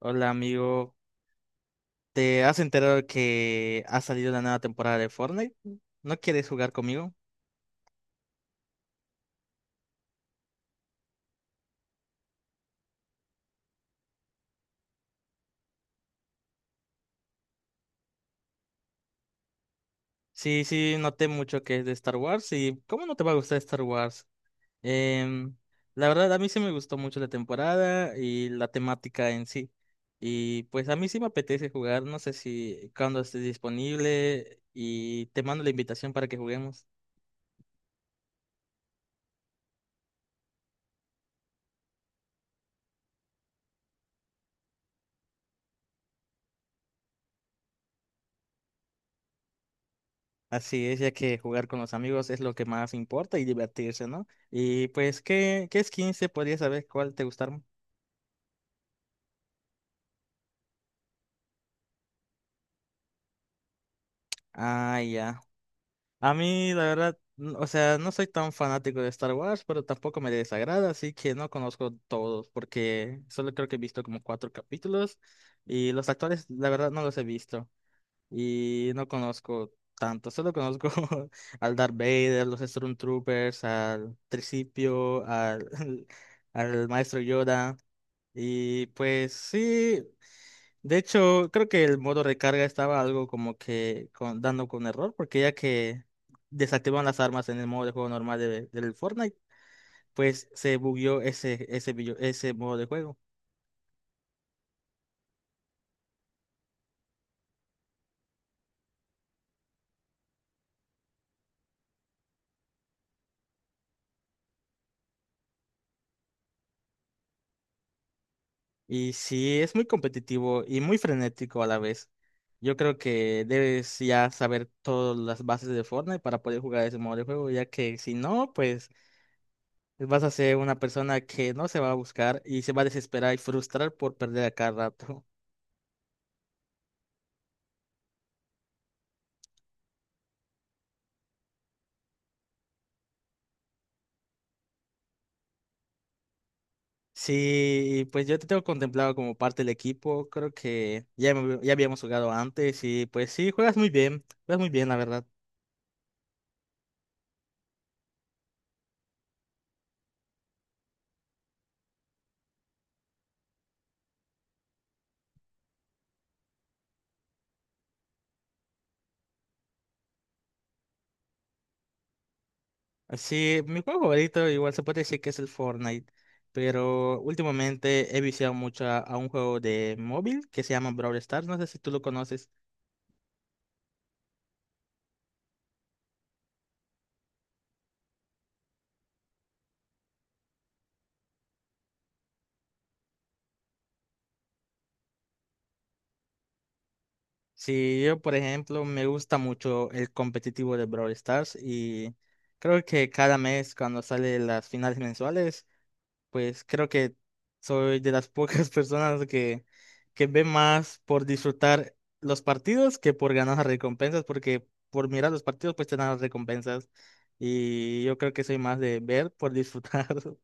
Hola amigo, ¿te has enterado que ha salido la nueva temporada de Fortnite? ¿No quieres jugar conmigo? Sí, sí, noté mucho que es de Star Wars y ¿cómo no te va a gustar Star Wars? Em, la verdad, a mí sí me gustó mucho la temporada y la temática en sí. Y pues a mí sí me apetece jugar, no sé si cuando estés disponible y te mando la invitación para que juguemos. Así es, ya que jugar con los amigos es lo que más importa y divertirse, ¿no? Y pues, ¿qué skins se podría saber cuál te gustaron? Ah, ya. A mí, la verdad, o sea, no soy tan fanático de Star Wars, pero tampoco me desagrada, así que no conozco todos, porque solo creo que he visto como cuatro capítulos y los actores, la verdad, no los he visto y no conozco tanto, solo conozco al Darth Vader, los Stormtroopers, al Tricipio, al maestro Yoda. Y pues sí, de hecho, creo que el modo recarga estaba algo como que dando con error, porque ya que desactivan las armas en el modo de juego normal del Fortnite, pues se bugueó ese modo de juego. Y sí, es muy competitivo y muy frenético a la vez. Yo creo que debes ya saber todas las bases de Fortnite para poder jugar ese modo de juego, ya que si no, pues vas a ser una persona que no se va a buscar y se va a desesperar y frustrar por perder a cada rato. Sí, pues yo te tengo contemplado como parte del equipo, creo que ya, ya habíamos jugado antes y pues sí, juegas muy bien, la verdad. Sí, mi juego favorito igual se puede decir que es el Fortnite, pero últimamente he viciado mucho a un juego de móvil que se llama Brawl Stars, no sé si tú lo conoces. Sí, yo por ejemplo me gusta mucho el competitivo de Brawl Stars y creo que cada mes cuando salen las finales mensuales pues creo que soy de las pocas personas que ve más por disfrutar los partidos que por ganar las recompensas, porque por mirar los partidos pues te dan las recompensas. Y yo creo que soy más de ver por disfrutar.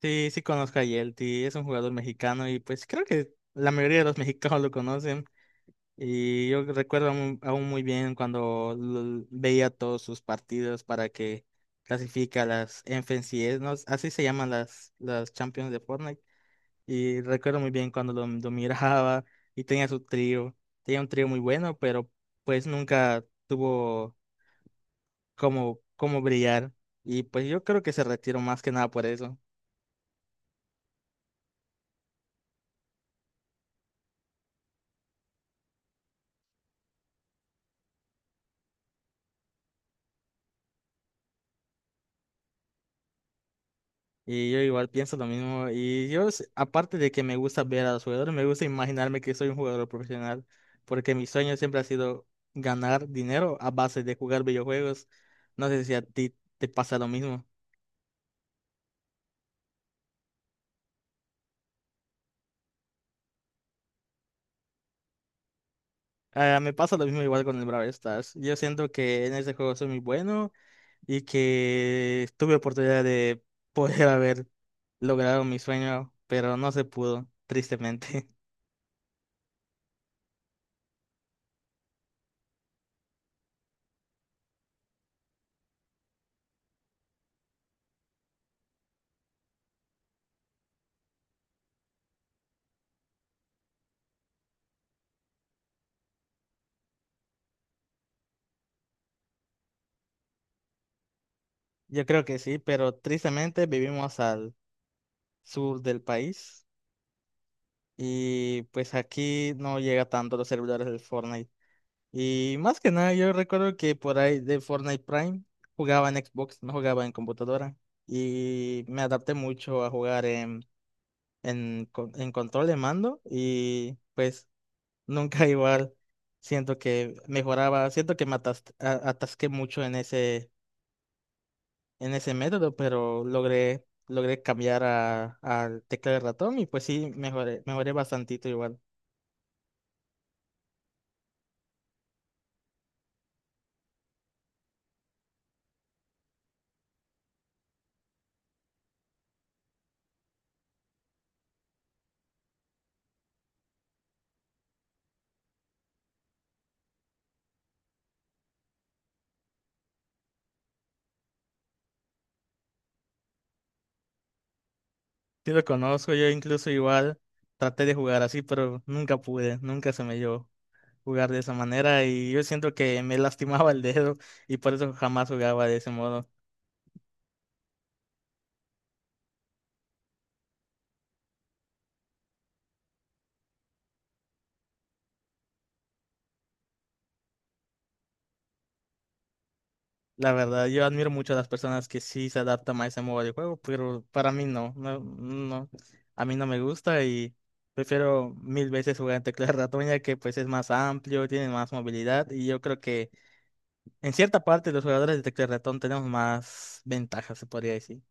Sí, sí conozco a Yelty, es un jugador mexicano y pues creo que la mayoría de los mexicanos lo conocen. Y yo recuerdo aún muy bien cuando veía todos sus partidos para que clasifica a las FNCS, ¿no? Así se llaman las Champions de Fortnite. Y recuerdo muy bien cuando lo miraba y tenía su trío. Tenía un trío muy bueno, pero pues nunca tuvo como brillar. Y pues yo creo que se retiró más que nada por eso. Y yo igual pienso lo mismo. Y yo, aparte de que me gusta ver a los jugadores, me gusta imaginarme que soy un jugador profesional, porque mi sueño siempre ha sido ganar dinero a base de jugar videojuegos. No sé si a ti te pasa lo mismo. Ah, me pasa lo mismo igual con el Brawl Stars. Yo siento que en ese juego soy muy bueno y que tuve oportunidad de poder haber logrado mi sueño, pero no se pudo, tristemente. Yo creo que sí, pero tristemente vivimos al sur del país y pues aquí no llega tanto a los servidores del Fortnite. Y más que nada, yo recuerdo que por ahí de Fortnite Prime jugaba en Xbox, no jugaba en computadora. Y me adapté mucho a jugar en, en control de mando y pues nunca igual. Siento que mejoraba, siento que atasqué mucho en en ese método, pero logré cambiar al teclado de ratón y pues sí, mejoré bastantito igual. Sí lo conozco, yo incluso igual traté de jugar así, pero nunca pude, nunca se me dio jugar de esa manera y yo siento que me lastimaba el dedo y por eso jamás jugaba de ese modo. La verdad, yo admiro mucho a las personas que sí se adaptan a ese modo de juego, pero para mí no, no, no, a mí no me gusta y prefiero mil veces jugar en tecla de ratón ya que pues es más amplio, tiene más movilidad y yo creo que en cierta parte los jugadores de tecla de ratón tenemos más ventajas, se podría decir.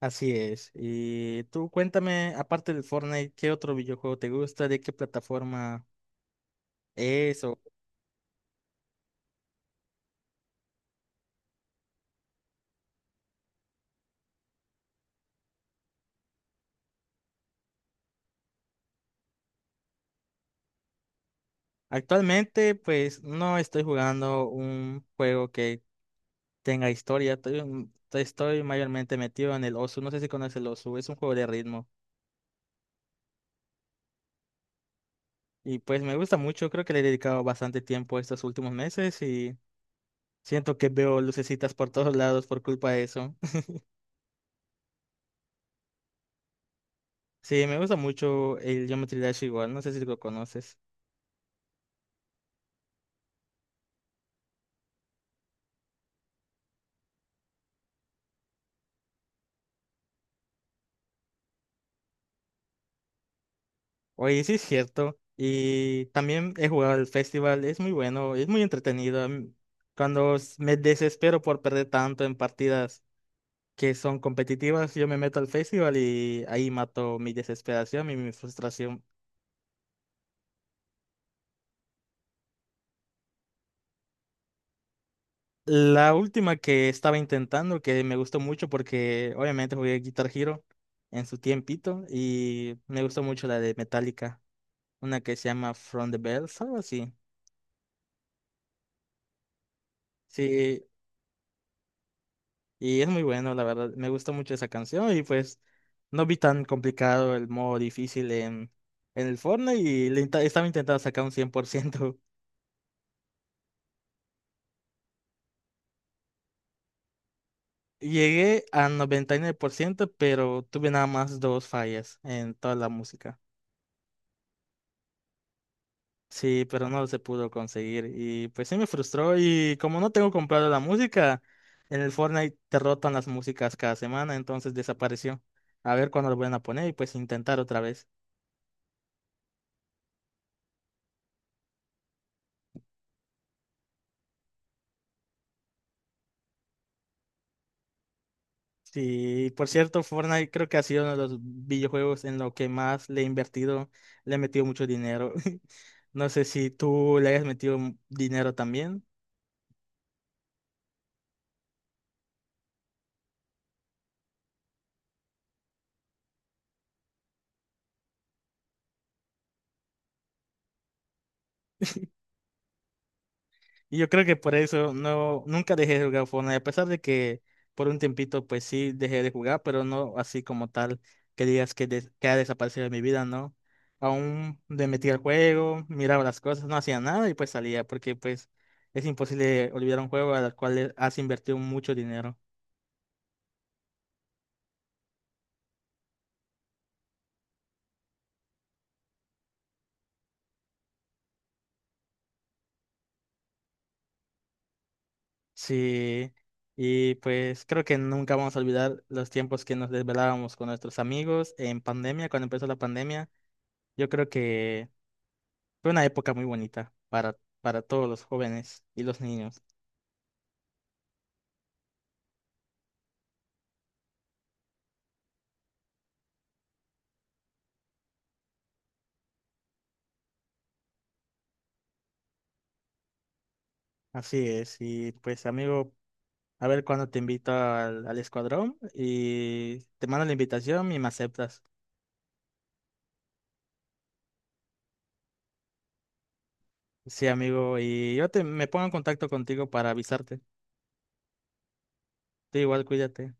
Así es. Y tú cuéntame, aparte del Fortnite, ¿qué otro videojuego te gusta? ¿De qué plataforma es? O... Actualmente, pues no estoy jugando un juego que tenga historia. Estoy, estoy mayormente metido en el Osu. No sé si conoces el Osu, es un juego de ritmo. Y pues me gusta mucho, creo que le he dedicado bastante tiempo estos últimos meses y siento que veo lucecitas por todos lados por culpa de eso. Sí, me gusta mucho el Geometry Dash igual, no sé si lo conoces. Oye, sí es cierto. Y también he jugado al festival, es muy bueno, es muy entretenido. A cuando me desespero por perder tanto en partidas que son competitivas, yo me meto al festival y ahí mato mi desesperación y mi frustración. La última que estaba intentando, que me gustó mucho porque obviamente jugué Guitar Hero en su tiempito y me gustó mucho la de Metallica, una que se llama From the Bells, algo así. Sí, y es muy bueno, la verdad. Me gusta mucho esa canción y pues no vi tan complicado el modo difícil en el Fortnite y estaba intentando sacar un 100%. Llegué a 99% pero tuve nada más dos fallas en toda la música. Sí, pero no se pudo conseguir y pues sí me frustró y como no tengo comprado la música, en el Fortnite te rotan las músicas cada semana, entonces desapareció. A ver cuándo lo vuelven a poner y pues intentar otra vez. Sí, por cierto, Fortnite creo que ha sido uno de los videojuegos en lo que más le he invertido, le he metido mucho dinero. No sé si tú le hayas metido dinero también. Y yo creo que por eso no, nunca dejé de jugar Fortnite, a pesar de que por un tiempito pues sí dejé de jugar, pero no así como tal que digas que, que ha desaparecido de mi vida, ¿no? Aún le metía al juego, miraba las cosas, no hacía nada y pues salía, porque pues es imposible olvidar un juego al cual le has invertido mucho dinero. Sí, y pues creo que nunca vamos a olvidar los tiempos que nos desvelábamos con nuestros amigos en pandemia, cuando empezó la pandemia. Yo creo que fue una época muy bonita para todos los jóvenes y los niños. Así es, y pues amigo, a ver cuándo te invito al, al escuadrón y te mando la invitación y me aceptas. Sí, amigo, y yo me pongo en contacto contigo para avisarte. Tú igual, cuídate.